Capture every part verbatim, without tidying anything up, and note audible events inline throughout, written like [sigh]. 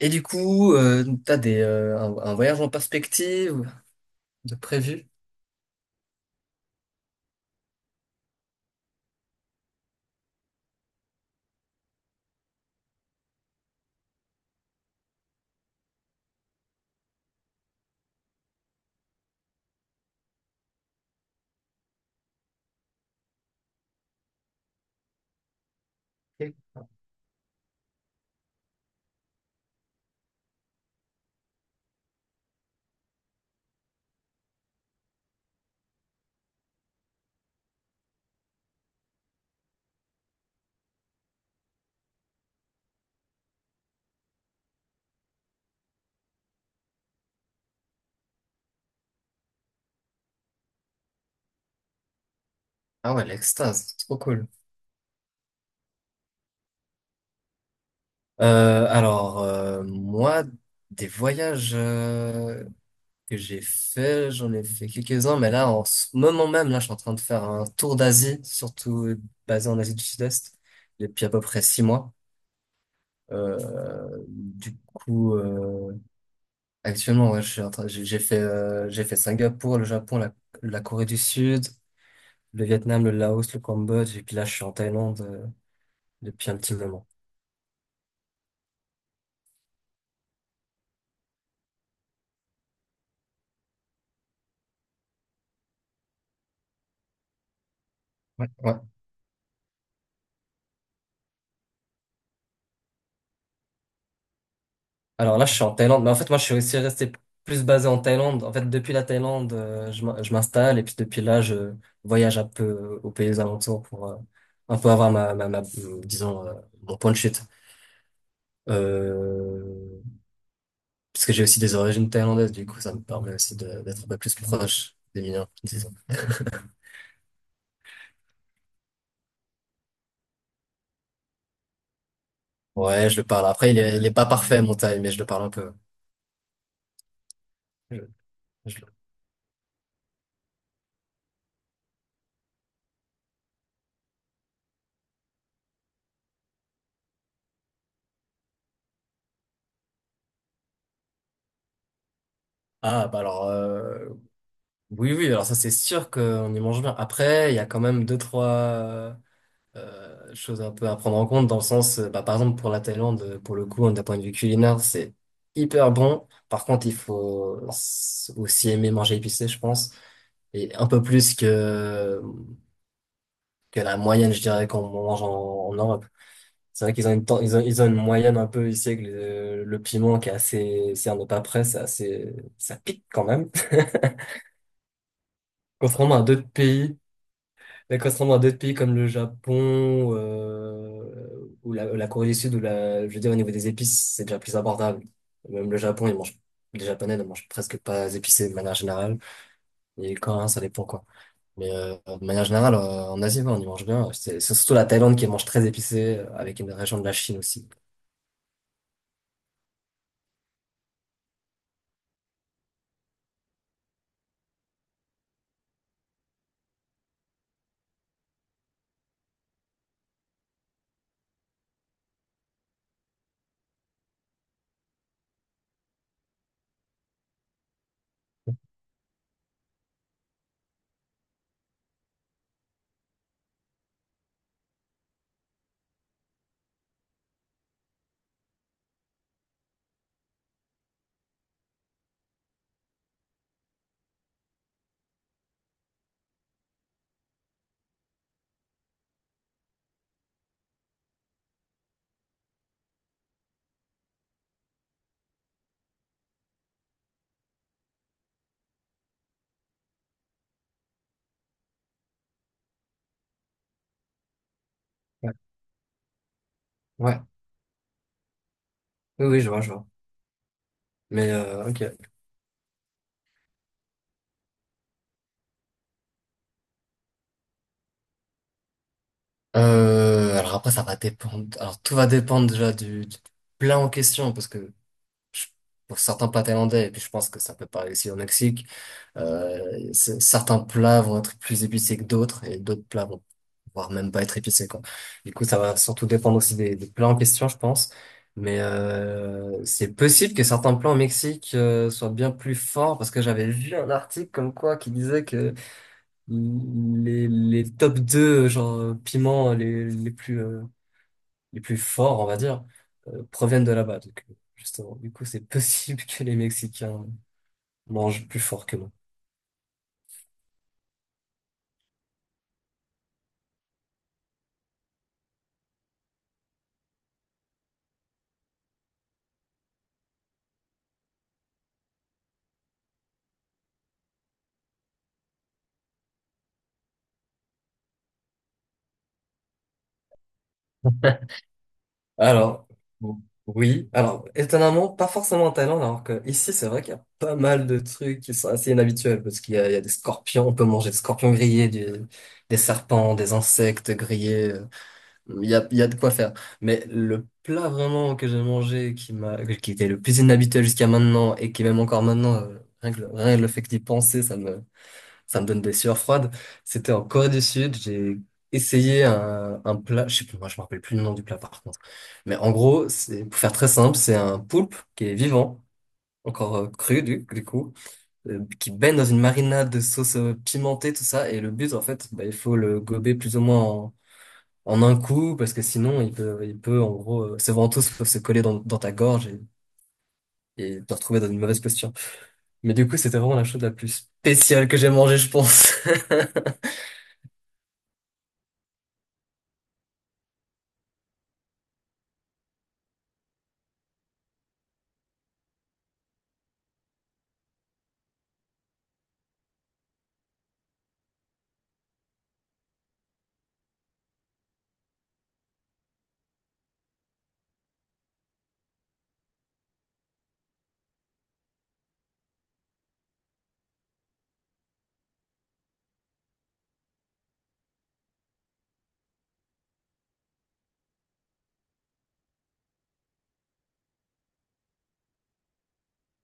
Et du coup, euh, t'as des, euh, un, un voyage en perspective de prévu? Ah ouais, l'extase, c'est trop cool. Euh, alors, euh, moi, des voyages euh, que j'ai fait, j'en ai fait quelques-uns, mais là, en ce moment même, là, je suis en train de faire un tour d'Asie, surtout basé en Asie du Sud-Est, depuis à peu près six mois. Euh, du coup, euh, actuellement, ouais, je suis en train, j'ai j'ai fait, euh, j'ai fait Singapour, le Japon, la, la Corée du Sud, le Vietnam, le Laos, le Cambodge, et puis là, je suis en Thaïlande euh, depuis un petit moment. Ouais. Alors là, je suis en Thaïlande, mais en fait, moi, je suis aussi resté plus basé en Thaïlande. En fait, depuis la Thaïlande, euh, je m'in- je m'installe, et puis depuis là, je voyage un peu aux pays alentours pour euh, un peu avoir ma, ma, ma euh, disons, euh, mon point de chute. Euh, Parce que j'ai aussi des origines thaïlandaises, du coup, ça me permet aussi de- d'être un peu plus proche des miens. Ouais, je le parle. Après, il est, il est pas parfait, mon taille, mais je le parle un peu. Je- je le- Ah, bah alors, euh, oui, oui, alors ça, c'est sûr qu'on y mange bien. Après, il y a quand même deux, trois euh, chose un peu à prendre en compte dans le sens, euh, bah, par exemple, pour la Thaïlande, euh, pour le coup, hein, d'un point de vue culinaire, c'est hyper bon. Par contre, il faut s- aussi aimer manger épicé, je pense, et un peu plus que, que, la moyenne, je dirais, qu'on mange en, en Europe. C'est vrai qu'ils ont une, ten- ils ont, ils ont une moyenne un peu ici, avec le, le piment qui est assez, si on n'est pas prêt, c'est assez, ça pique quand même. [laughs] Contrairement à d'autres pays Mais contrairement à d'autres pays comme le Japon euh, ou la, la Corée du Sud, où la, je veux dire, au niveau des épices, c'est déjà plus abordable. Même le Japon, ils mangent, les Japonais ne mangent presque pas épicé de manière générale. Et les Coréens, ça dépend quoi. Mais euh, de manière générale, euh, en Asie, ouais, on y mange bien. C'est c'est surtout la Thaïlande qui mange très épicé, euh, avec une région de la Chine aussi. Ouais. Ouais. Oui, oui, je vois, je vois. Mais euh, ok. Euh, alors après, ça va dépendre. Alors tout va dépendre déjà du, du plat en question, parce que je- pour certains plats thaïlandais, et puis je pense que ça peut pas aussi au Mexique, euh, c- certains plats vont être plus épicés que d'autres, et d'autres plats vont voire même pas être épicés, quoi. Du coup, ça va surtout dépendre aussi des, des plats en question, je pense. Mais euh, c'est possible que certains plats au Mexique euh, soient bien plus forts, parce que j'avais vu un article comme quoi qui disait que les, les top deux genre, piments euh, les, les plus... euh, les plus forts, on va dire, euh, proviennent de là-bas. Donc, euh, justement, du coup, c'est [laughs] possible que les Mexicains mangent plus fort que nous. Alors, oui. Alors, étonnamment, pas forcément en Thaïlande, alors que ici, c'est vrai qu'il y a pas mal de trucs qui sont assez inhabituels, parce qu'il y a, il y a, des scorpions, on peut manger des scorpions grillés, du- des serpents, des insectes grillés. euh, Il y a, il y a de quoi faire. Mais le plat vraiment que j'ai mangé, qui m'a, qui était le plus inhabituel jusqu'à maintenant, et qui même encore maintenant, euh, rien que le, rien que le fait que d'y penser, ça me, ça me donne des sueurs froides. C'était en Corée du Sud, j'ai essayé un, un plat, je sais plus, moi je me rappelle plus le nom du plat par contre. Mais en gros, c'est, pour faire très simple, c'est un poulpe qui est vivant, encore euh, cru du, du coup, euh, qui baigne dans une marinade de sauce euh, pimentée, tout ça. Et le but en fait, bah, il faut le gober plus ou moins en, en, un coup, parce que sinon il peut, il peut en gros, euh, ses ventouses peuvent se coller dans, dans ta gorge et, et te retrouver dans une mauvaise posture. Mais du coup, c'était vraiment la chose la plus spéciale que j'ai mangée, je pense. [laughs]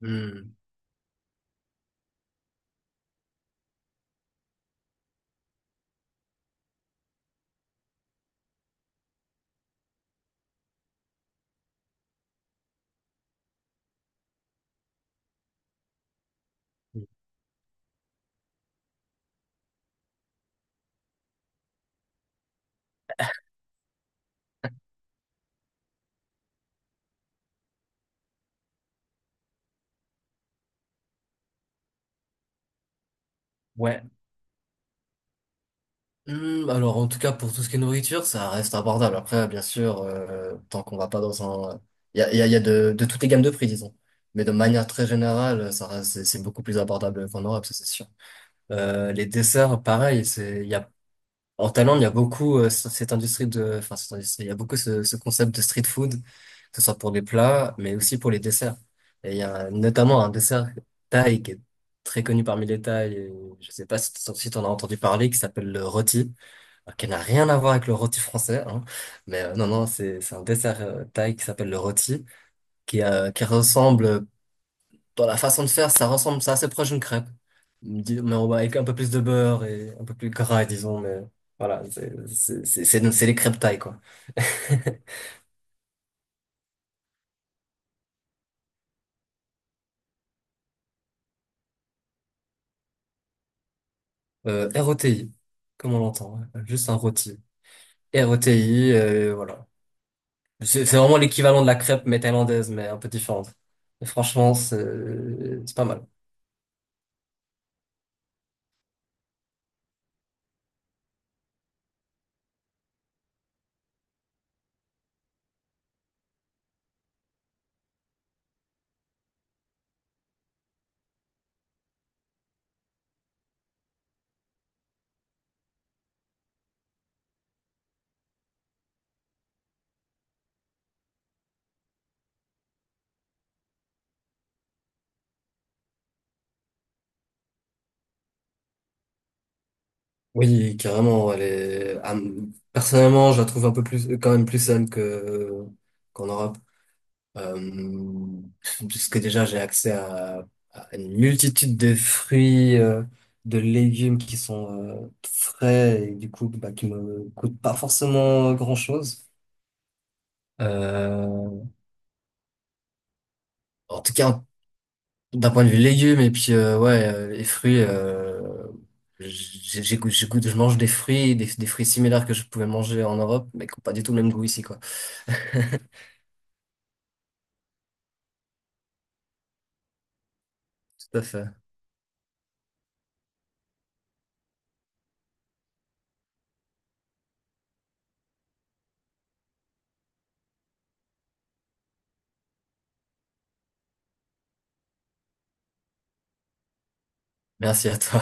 Hmm. Ouais. Hum, alors en tout cas pour tout ce qui est nourriture, ça reste abordable. Après, bien sûr, euh, tant qu'on va pas dans un, il y a, il y a, il y a, de, de toutes les gammes de prix, disons. Mais de manière très générale, ça reste, c'est c'est beaucoup plus abordable qu'en Europe, ça c'est sûr. Euh, les desserts, pareil, c'est, il y a, en Thaïlande, il y a beaucoup euh, c- cette industrie de, enfin cette industrie, il y a beaucoup ce, ce concept de street food, que ce soit pour les plats, mais aussi pour les desserts. Et il y a notamment un dessert thaï qui est très connu parmi les Thaïs, et Je sais pas si t- si t'en as entendu parler, qui s'appelle le rôti, qui n'a rien à voir avec le rôti français, hein. Mais euh, non, non, c'est c'est un dessert euh, thaï qui s'appelle le rôti, qui, euh, qui ressemble, euh, dans la façon de faire, ça ressemble, c'est assez proche d'une crêpe. Di- mais on va avec un peu plus de beurre et un peu plus gras, disons, mais voilà, c'est c'est- c'est- c'est- c'est les crêpes thaï, quoi. [laughs] Euh, rôti, comme on l'entend, hein, juste un rôti. Rôti euh, voilà. C'est c'est vraiment l'équivalent de la crêpe, mais thaïlandaise, mais un peu différente. Et franchement, c'est c'est pas mal. Oui, carrément. Elle est... ah, Personnellement, je la trouve un peu plus, quand même plus saine que qu'en Europe, euh... puisque déjà j'ai accès à... à une multitude de fruits, euh, de légumes qui sont euh, frais et du coup bah, qui me coûtent pas forcément grand-chose. Euh... En tout cas, d'un point de vue légumes et puis euh, ouais euh, les fruits euh, j'ai- j'écoute j'écoute je mange des fruits des, des fruits similaires que je pouvais manger en Europe mais qui n'ont pas du tout le même goût ici quoi. [laughs] Tout à fait. Merci à toi.